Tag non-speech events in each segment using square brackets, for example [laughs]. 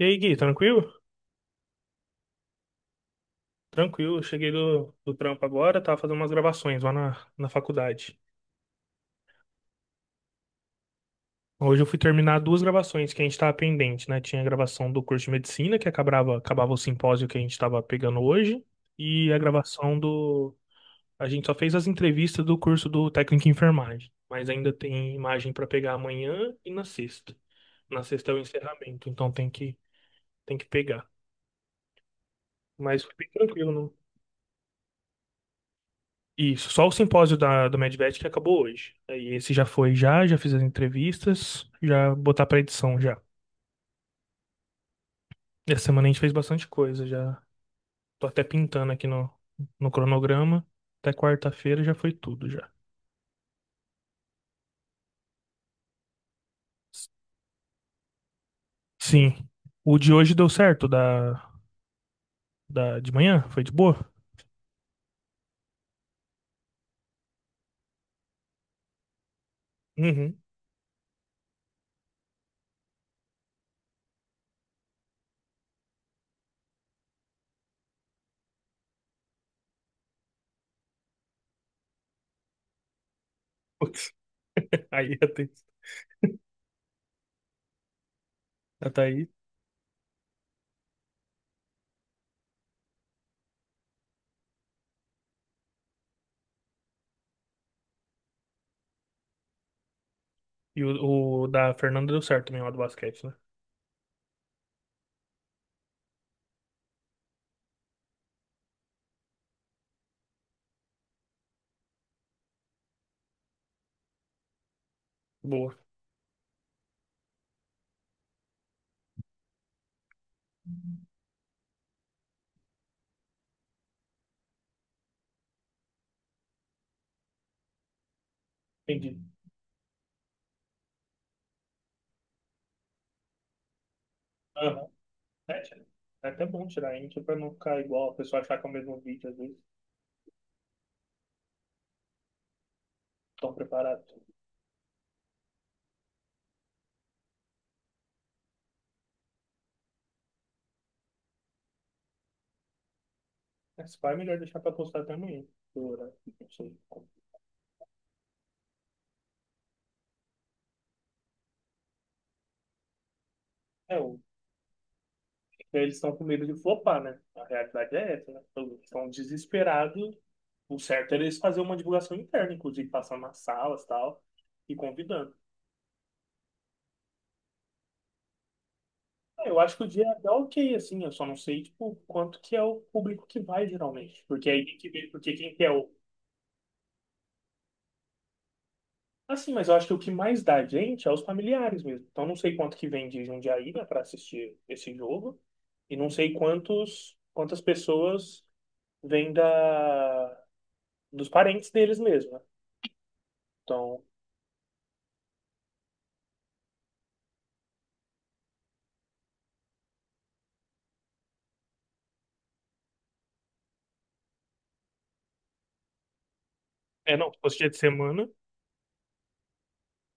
E aí, Gui, tranquilo? Tranquilo, eu cheguei do trampo agora, tava fazendo umas gravações lá na faculdade. Hoje eu fui terminar duas gravações que a gente tava pendente, né? Tinha a gravação do curso de medicina, que acabava o simpósio que a gente tava pegando hoje, e a gravação do. A gente só fez as entrevistas do curso do técnico em enfermagem, mas ainda tem imagem para pegar amanhã e na sexta. Na sexta é o encerramento, então tem que pegar. Mas foi bem tranquilo, isso, só o simpósio da, do Medvet que acabou hoje. Aí esse já fiz as entrevistas, já botar pra edição já. Essa semana a gente fez bastante coisa, já tô até pintando aqui no cronograma. Até quarta-feira já foi tudo já. Sim. O de hoje deu certo da de manhã? Foi de boa? Uhum. Putz. [laughs] Aí a Thaís. A Thaís. E o da Fernanda deu certo também, lá do basquete, né? Boa. Entendi. Aham. Sete, né? É até bom tirar índio pra não ficar igual, a pessoa achar que é o mesmo vídeo, às vezes, tão preparado. Mas vai melhor deixar pra postar até amanhã. Dura, não sei. É, eles estão com medo de flopar, né? A realidade é essa, né? Eles estão desesperados. O certo era eles fazerem uma divulgação interna, inclusive passando nas salas e tal, e convidando. É, eu acho que o dia é até ok, assim, eu só não sei, tipo, quanto que é o público que vai, geralmente. Porque aí tem que ver, porque quem que é o. Assim, mas eu acho que o que mais dá gente é os familiares mesmo. Então, não sei quanto que vem de Jundiaí, né, para assistir esse jogo. E não sei quantas pessoas vêm dos parentes deles mesmo, né? Então, é, não, se fosse dia de semana,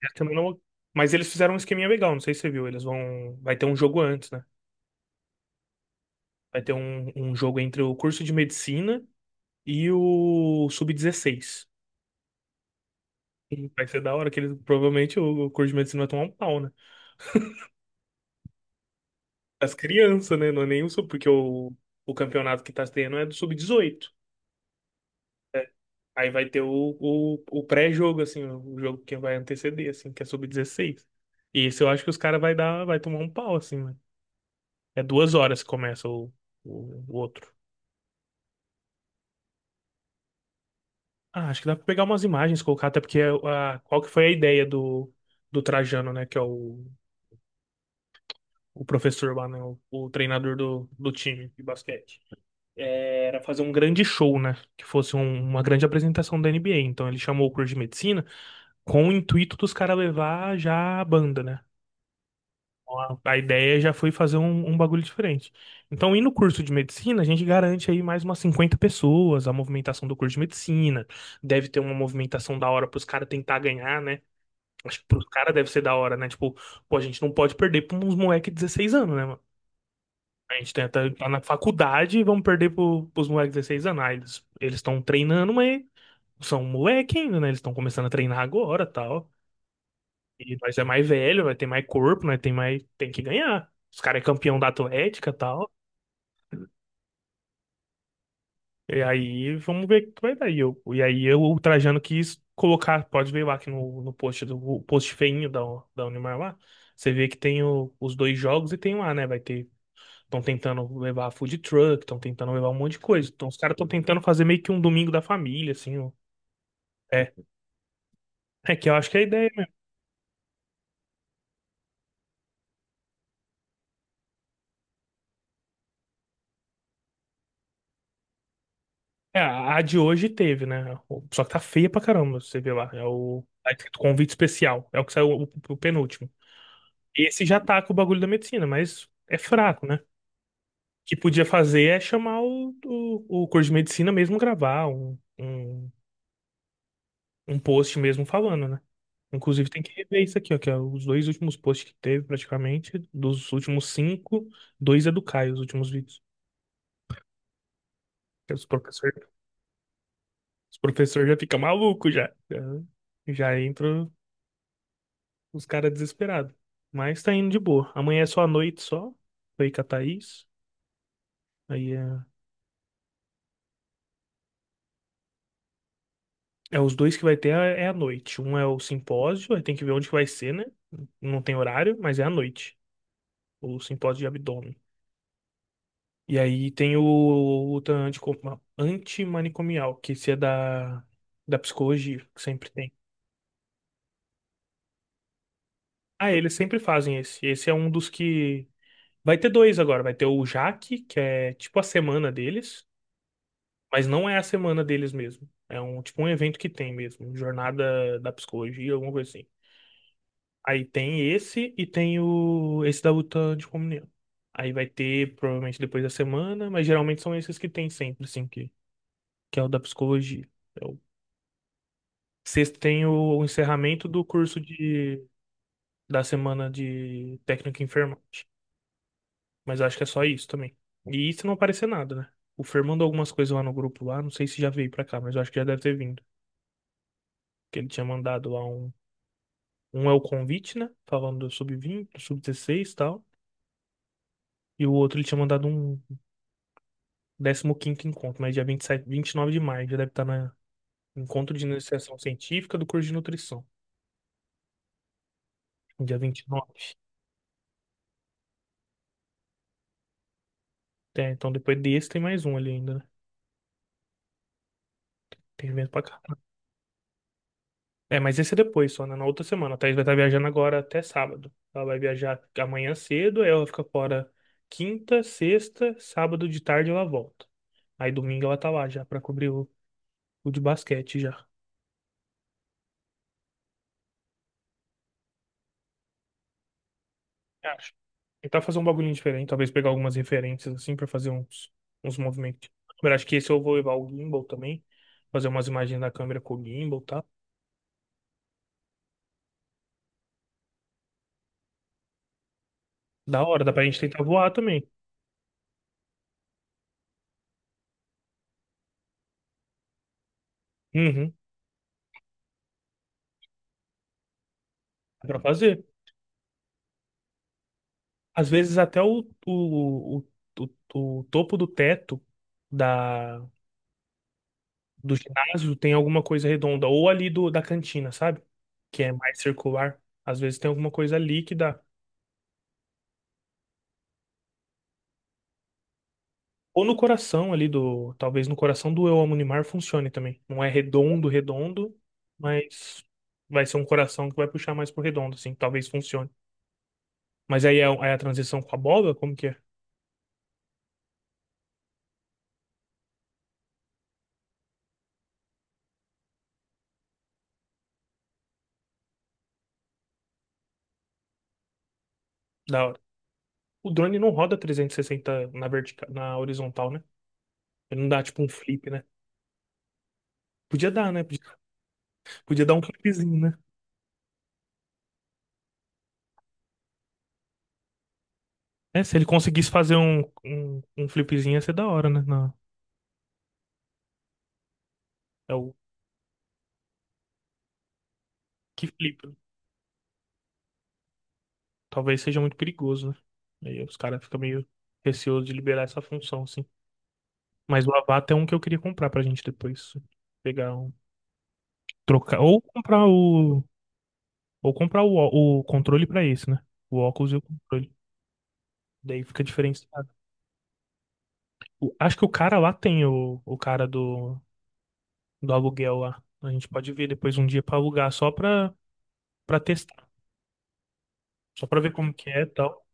dia de semana. Mas eles fizeram um esqueminha legal, não sei se você viu. Eles vão. Vai ter um jogo antes, né? Vai ter um jogo entre o curso de medicina e o sub dezesseis. Vai ser da hora que eles, provavelmente o curso de medicina vai tomar um pau, né? Das crianças, né? Não é nenhum sub, porque o campeonato que tá tendo é do sub-18. Aí vai ter o pré-jogo, assim, o jogo que vai anteceder, assim, que é sub-16. E esse eu acho que os caras vai dar, vai tomar um pau, assim, né? É 2 horas que começa o outro. Ah, acho que dá pra pegar umas imagens, colocar, até porque a, qual que foi a ideia do, do Trajano, né? Que é o professor lá, né? O treinador do, do time de basquete. Era fazer um grande show, né? Que fosse uma grande apresentação da NBA. Então ele chamou o curso de medicina com o intuito dos caras levar já a banda, né? Então, a ideia já foi fazer um bagulho diferente. Então, indo no curso de medicina, a gente garante aí mais umas 50 pessoas, a movimentação do curso de medicina. Deve ter uma movimentação da hora pros caras tentar ganhar, né? Acho que pros caras deve ser da hora, né? Tipo, pô, a gente não pode perder pra uns moleque de 16 anos, né, mano? A gente tenta tá na faculdade e vamos perder pro, pros moleques de 16 anos. Ah, eles estão treinando, mas são moleque ainda, né? Eles estão começando a treinar agora, tal. E nós é mais velho, vai ter mais corpo, né tem mais tem que ganhar. Os caras é campeão da Atlética, tal. E aí vamos ver o que vai dar. E, eu, e aí eu, o Trajano quis colocar, pode ver lá aqui no post do o post feinho da Unimar lá. Você vê que tem os dois jogos e tem lá, né? Vai ter. Estão tentando levar food truck, estão tentando levar um monte de coisa. Então os caras estão tentando fazer meio que um domingo da família, assim. Ó. É. É que eu acho que é a ideia, né? É, a de hoje teve, né? Só que tá feia pra caramba, você vê lá. É o. Tá escrito convite especial. É o que saiu o penúltimo. Esse já tá com o bagulho da medicina, mas é fraco, né? O que podia fazer é chamar o curso de medicina mesmo gravar um post mesmo falando, né? Inclusive tem que rever isso aqui, ó, que é os dois últimos posts que teve, praticamente, dos últimos cinco, dois é do Caio, os últimos vídeos. Que é os professor, os professor já fica maluco já. Já entra os caras desesperados. Mas tá indo de boa. Amanhã é só a noite só. Foi com a Thaís. Aí é, é os dois que vai ter é a noite. Um é o simpósio, aí tem que ver onde que vai ser, né? Não tem horário, mas é à noite. O simpósio de abdômen. E aí tem o luta antico- antimanicomial, que esse é da psicologia, que sempre tem. Ah, eles sempre fazem esse. Esse é um dos que. Vai ter dois agora. Vai ter o Jaque, que é tipo a semana deles, mas não é a semana deles mesmo. É um tipo um evento que tem mesmo. Jornada da psicologia, alguma coisa assim. Aí tem esse e tem o esse da luta anticomunhão. Aí vai ter provavelmente depois da semana, mas geralmente são esses que tem sempre, assim, que é o da psicologia. Sexta tem o encerramento do curso de, da semana de técnico em enfermagem. Mas acho que é só isso também. E isso não aparecer nada, né? O Fer mandou algumas coisas lá no grupo lá, não sei se já veio pra cá, mas eu acho que já deve ter vindo. Que ele tinha mandado lá um. Um é o convite, né? Falando do sub-20, do sub-16 e tal. E o outro ele tinha mandado um décimo quinto encontro, mas dia vinte vinte e sete vinte e nove de maio, já deve estar na encontro de iniciação científica do curso de nutrição. Dia 29. É, então depois desse tem mais um ali ainda, né? Tem evento pra cá. É, mas esse é depois só, né? Na outra semana. A Thaís vai estar viajando agora até sábado. Ela vai viajar amanhã cedo, aí ela fica fora quinta, sexta, sábado de tarde ela volta. Aí domingo ela tá lá já pra cobrir o de basquete já. Eu acho. Tentar fazer um bagulhinho diferente, talvez pegar algumas referências assim pra fazer uns movimentos. Eu acho que esse eu vou levar o gimbal também, fazer umas imagens da câmera com o gimbal, tá? Da hora, dá pra gente tentar voar também. Uhum, dá pra fazer. Às vezes até o, o, o topo do teto da, do ginásio tem alguma coisa redonda, ou ali do, da cantina, sabe? Que é mais circular. Às vezes tem alguma coisa líquida. Ou no coração ali do. Talvez no coração do Eu Amo Neymar funcione também. Não é redondo, redondo, mas vai ser um coração que vai puxar mais pro redondo, assim. Talvez funcione. Mas aí é, é a transição com a bola? Como que é? Da hora. O drone não roda 360 na vertical, na horizontal, né? Ele não dá tipo um flip, né? Podia dar, né? Podia, podia dar um flipzinho, né? É, se ele conseguisse fazer um flipzinho ia ser da hora, né? Não, é o que flipa. Talvez seja muito perigoso, né? Aí os caras ficam meio receosos de liberar essa função, assim. Mas o Avata é um que eu queria comprar pra gente depois, assim. Pegar um. Trocar. Ou comprar o. Ou comprar o controle pra esse, né? O óculos e o controle. Daí fica diferenciado. Acho que o cara lá tem o cara do aluguel lá. A gente pode ver depois um dia pra alugar só pra, pra testar. Só pra ver como que é e tal.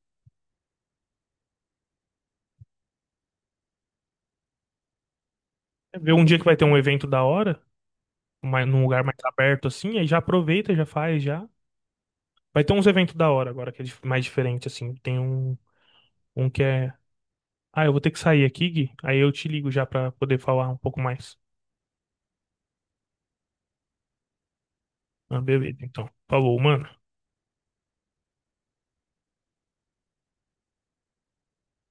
É ver um dia que vai ter um evento da hora, num lugar mais aberto assim, aí já aproveita, já faz, já. Vai ter uns eventos da hora agora, que é mais diferente assim. Tem um que é. Ah, eu vou ter que sair aqui, Gui. Aí eu te ligo já pra poder falar um pouco mais. Ah, beleza, então. Falou, mano.